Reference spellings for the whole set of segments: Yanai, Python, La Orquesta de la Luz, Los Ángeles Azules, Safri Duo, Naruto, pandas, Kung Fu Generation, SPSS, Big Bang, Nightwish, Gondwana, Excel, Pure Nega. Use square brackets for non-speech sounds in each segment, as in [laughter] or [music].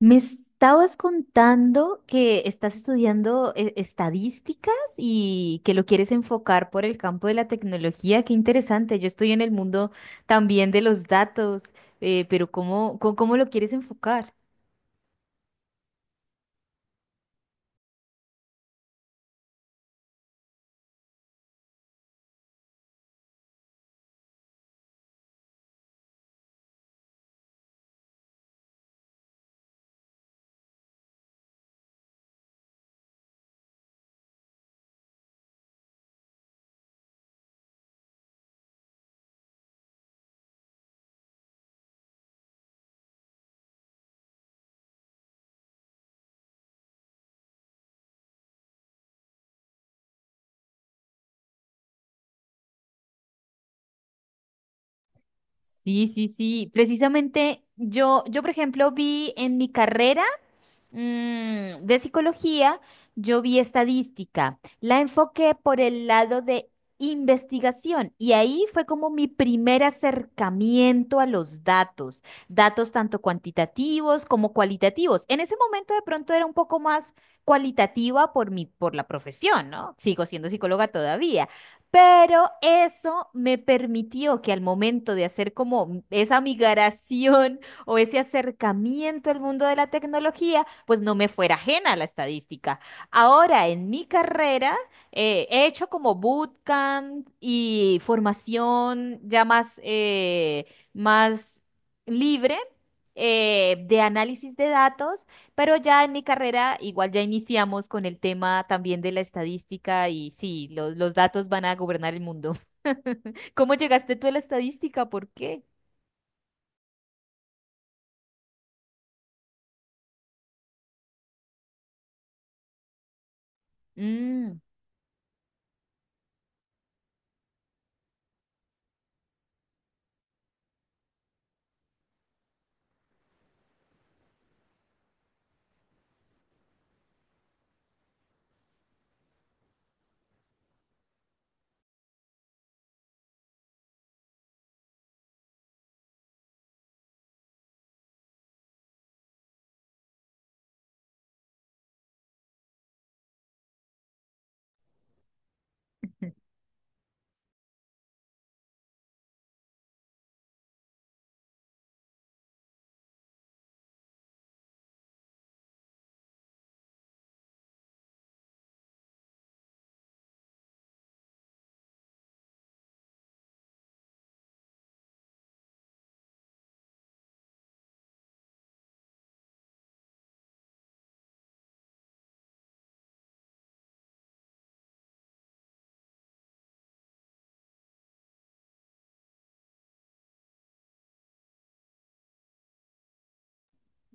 Me estabas contando que estás estudiando estadísticas y que lo quieres enfocar por el campo de la tecnología. Qué interesante. Yo estoy en el mundo también de los datos, pero ¿cómo, cómo lo quieres enfocar? Sí, sí, sí. Precisamente yo, por ejemplo, vi en mi carrera de psicología, yo vi estadística. La enfoqué por el lado de investigación y ahí fue como mi primer acercamiento a los datos, datos tanto cuantitativos como cualitativos. En ese momento de pronto era un poco más cualitativa por mi, por la profesión, ¿no? Sigo siendo psicóloga todavía. Pero eso me permitió que al momento de hacer como esa migración o ese acercamiento al mundo de la tecnología, pues no me fuera ajena a la estadística. Ahora, en mi carrera, he hecho como bootcamp y formación ya más, más libre. De análisis de datos, pero ya en mi carrera igual ya iniciamos con el tema también de la estadística y sí, los datos van a gobernar el mundo. [laughs] ¿Cómo llegaste tú a la estadística? ¿Por qué? Mm.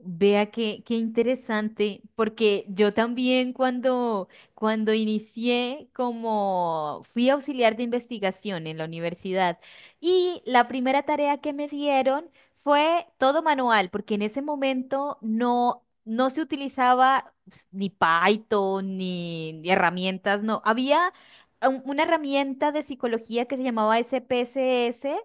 Vea qué, qué interesante, porque yo también cuando inicié como fui auxiliar de investigación en la universidad y la primera tarea que me dieron fue todo manual, porque en ese momento no, no se utilizaba ni Python ni, ni herramientas, no, había una herramienta de psicología que se llamaba SPSS,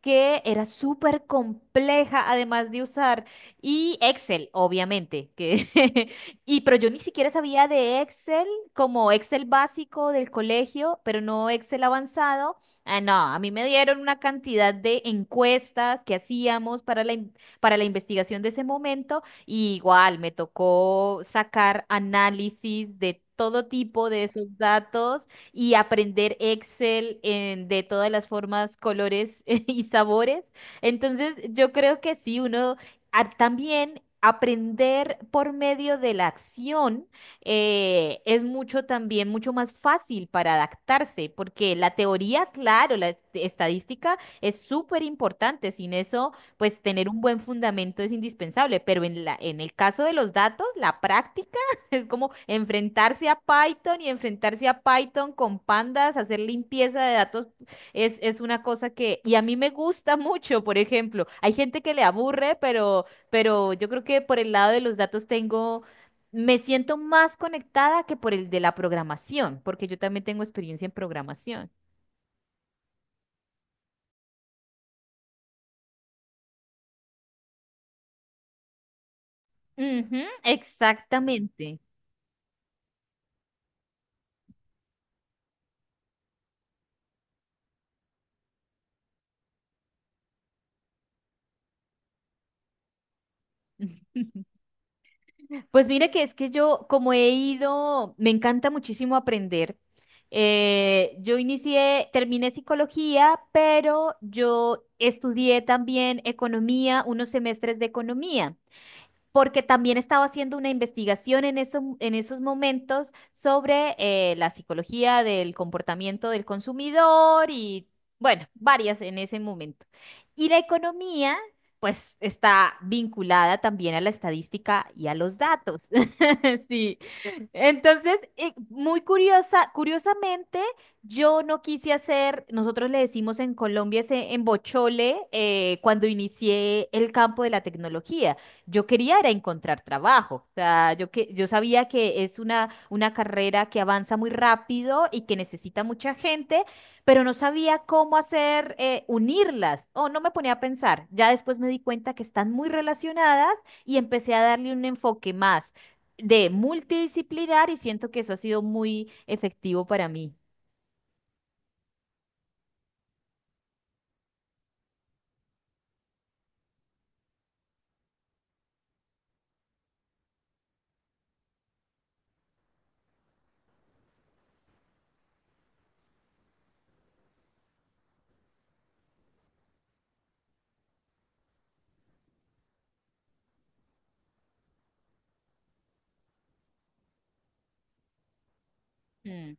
que era súper compleja además de usar. Y Excel, obviamente, que [laughs] y pero yo ni siquiera sabía de Excel como Excel básico del colegio, pero no Excel avanzado. Ah, no, a mí me dieron una cantidad de encuestas que hacíamos para para la investigación de ese momento y igual me tocó sacar análisis de todo tipo de esos datos y aprender Excel de todas las formas, colores [laughs] y sabores. Entonces, yo creo que sí, uno también aprender por medio de la acción es mucho también, mucho más fácil para adaptarse, porque la teoría, claro, la estadística es súper importante. Sin eso, pues tener un buen fundamento es indispensable, pero en en el caso de los datos, la práctica [laughs] es como enfrentarse a Python y enfrentarse a Python con pandas, hacer limpieza de datos es una cosa que, y a mí me gusta [laughs] mucho, por ejemplo, hay gente que le aburre, pero yo creo que por el lado de los datos tengo, me siento más conectada que por el de la programación, porque yo también tengo experiencia en programación. Ujú, exactamente. [laughs] Pues mira que es que yo, como he ido, me encanta muchísimo aprender. Yo inicié, terminé psicología, pero yo estudié también economía, unos semestres de economía porque también estaba haciendo una investigación en, en esos momentos sobre la psicología del comportamiento del consumidor y, bueno, varias en ese momento. Y la economía, pues, está vinculada también a la estadística y a los datos. [laughs] Sí. Entonces, muy curiosamente, yo no quise hacer, nosotros le decimos en Colombia ese embochole cuando inicié el campo de la tecnología. Yo quería era encontrar trabajo. O sea, yo que yo sabía que es una carrera que avanza muy rápido y que necesita mucha gente, pero no sabía cómo hacer unirlas. O no me ponía a pensar. Ya después me di cuenta que están muy relacionadas y empecé a darle un enfoque más de multidisciplinar y siento que eso ha sido muy efectivo para mí. Mm.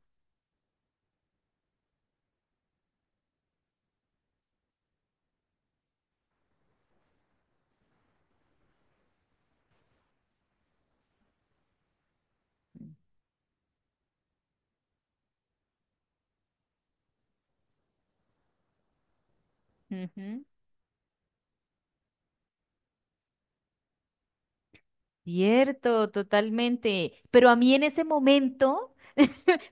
Ujú. Cierto, totalmente. Pero a mí en ese momento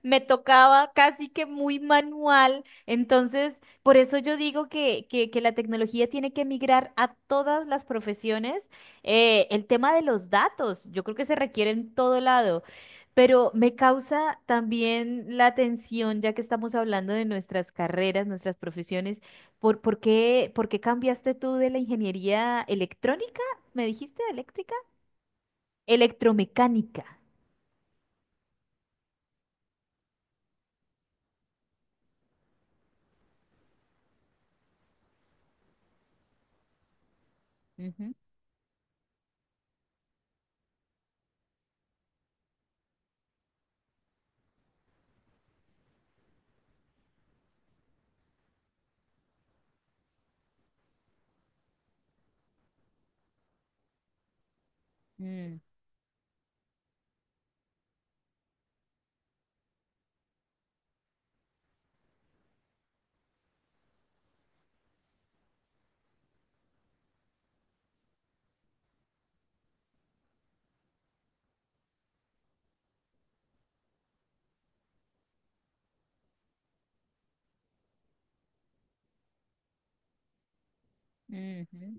me tocaba casi que muy manual. Entonces, por eso yo digo que, que la tecnología tiene que migrar a todas las profesiones. El tema de los datos, yo creo que se requiere en todo lado. Pero me causa también la atención, ya que estamos hablando de nuestras carreras, nuestras profesiones, ¿por, por qué cambiaste tú de la ingeniería electrónica? ¿Me dijiste eléctrica? Electromecánica. Ujú, mm, ujú,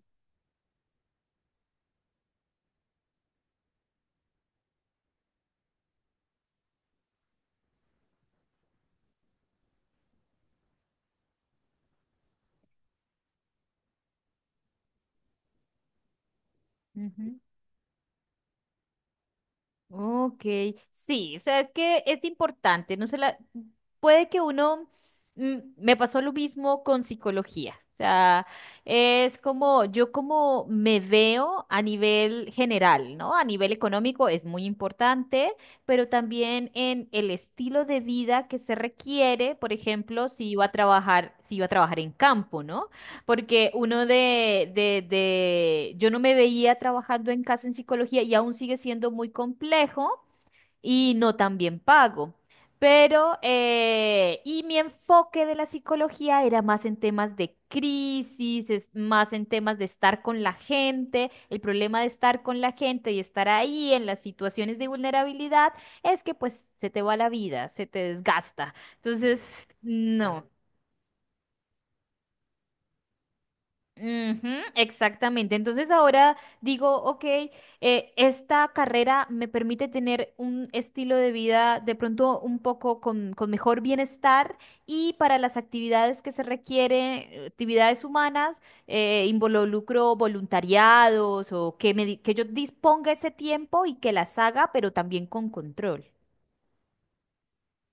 ujú. Ok, sí, o sea, es que es importante, no se la... Puede que uno... mm, me pasó lo mismo con psicología. O sea, es como yo como me veo a nivel general, ¿no? A nivel económico es muy importante, pero también en el estilo de vida que se requiere, por ejemplo, si iba a trabajar en campo, ¿no? Porque uno de, yo no me veía trabajando en casa en psicología y aún sigue siendo muy complejo y no tan bien pago. Pero, y mi enfoque de la psicología era más en temas de crisis, es más en temas de estar con la gente. El problema de estar con la gente y estar ahí en las situaciones de vulnerabilidad es que pues se te va la vida, se te desgasta. Entonces, no. Ujú, exactamente. Entonces ahora digo, ok, esta carrera me permite tener un estilo de vida de pronto un poco con mejor bienestar y para las actividades que se requieren, actividades humanas, involucro voluntariados o que yo disponga ese tiempo y que las haga, pero también con control.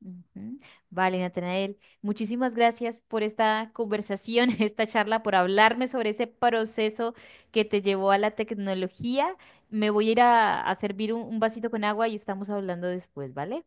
Ujú. Vale, Natanael, muchísimas gracias por esta conversación, [laughs] esta charla, por hablarme sobre ese proceso que te llevó a la tecnología. Me voy a ir a servir un vasito con agua y estamos hablando después, ¿vale?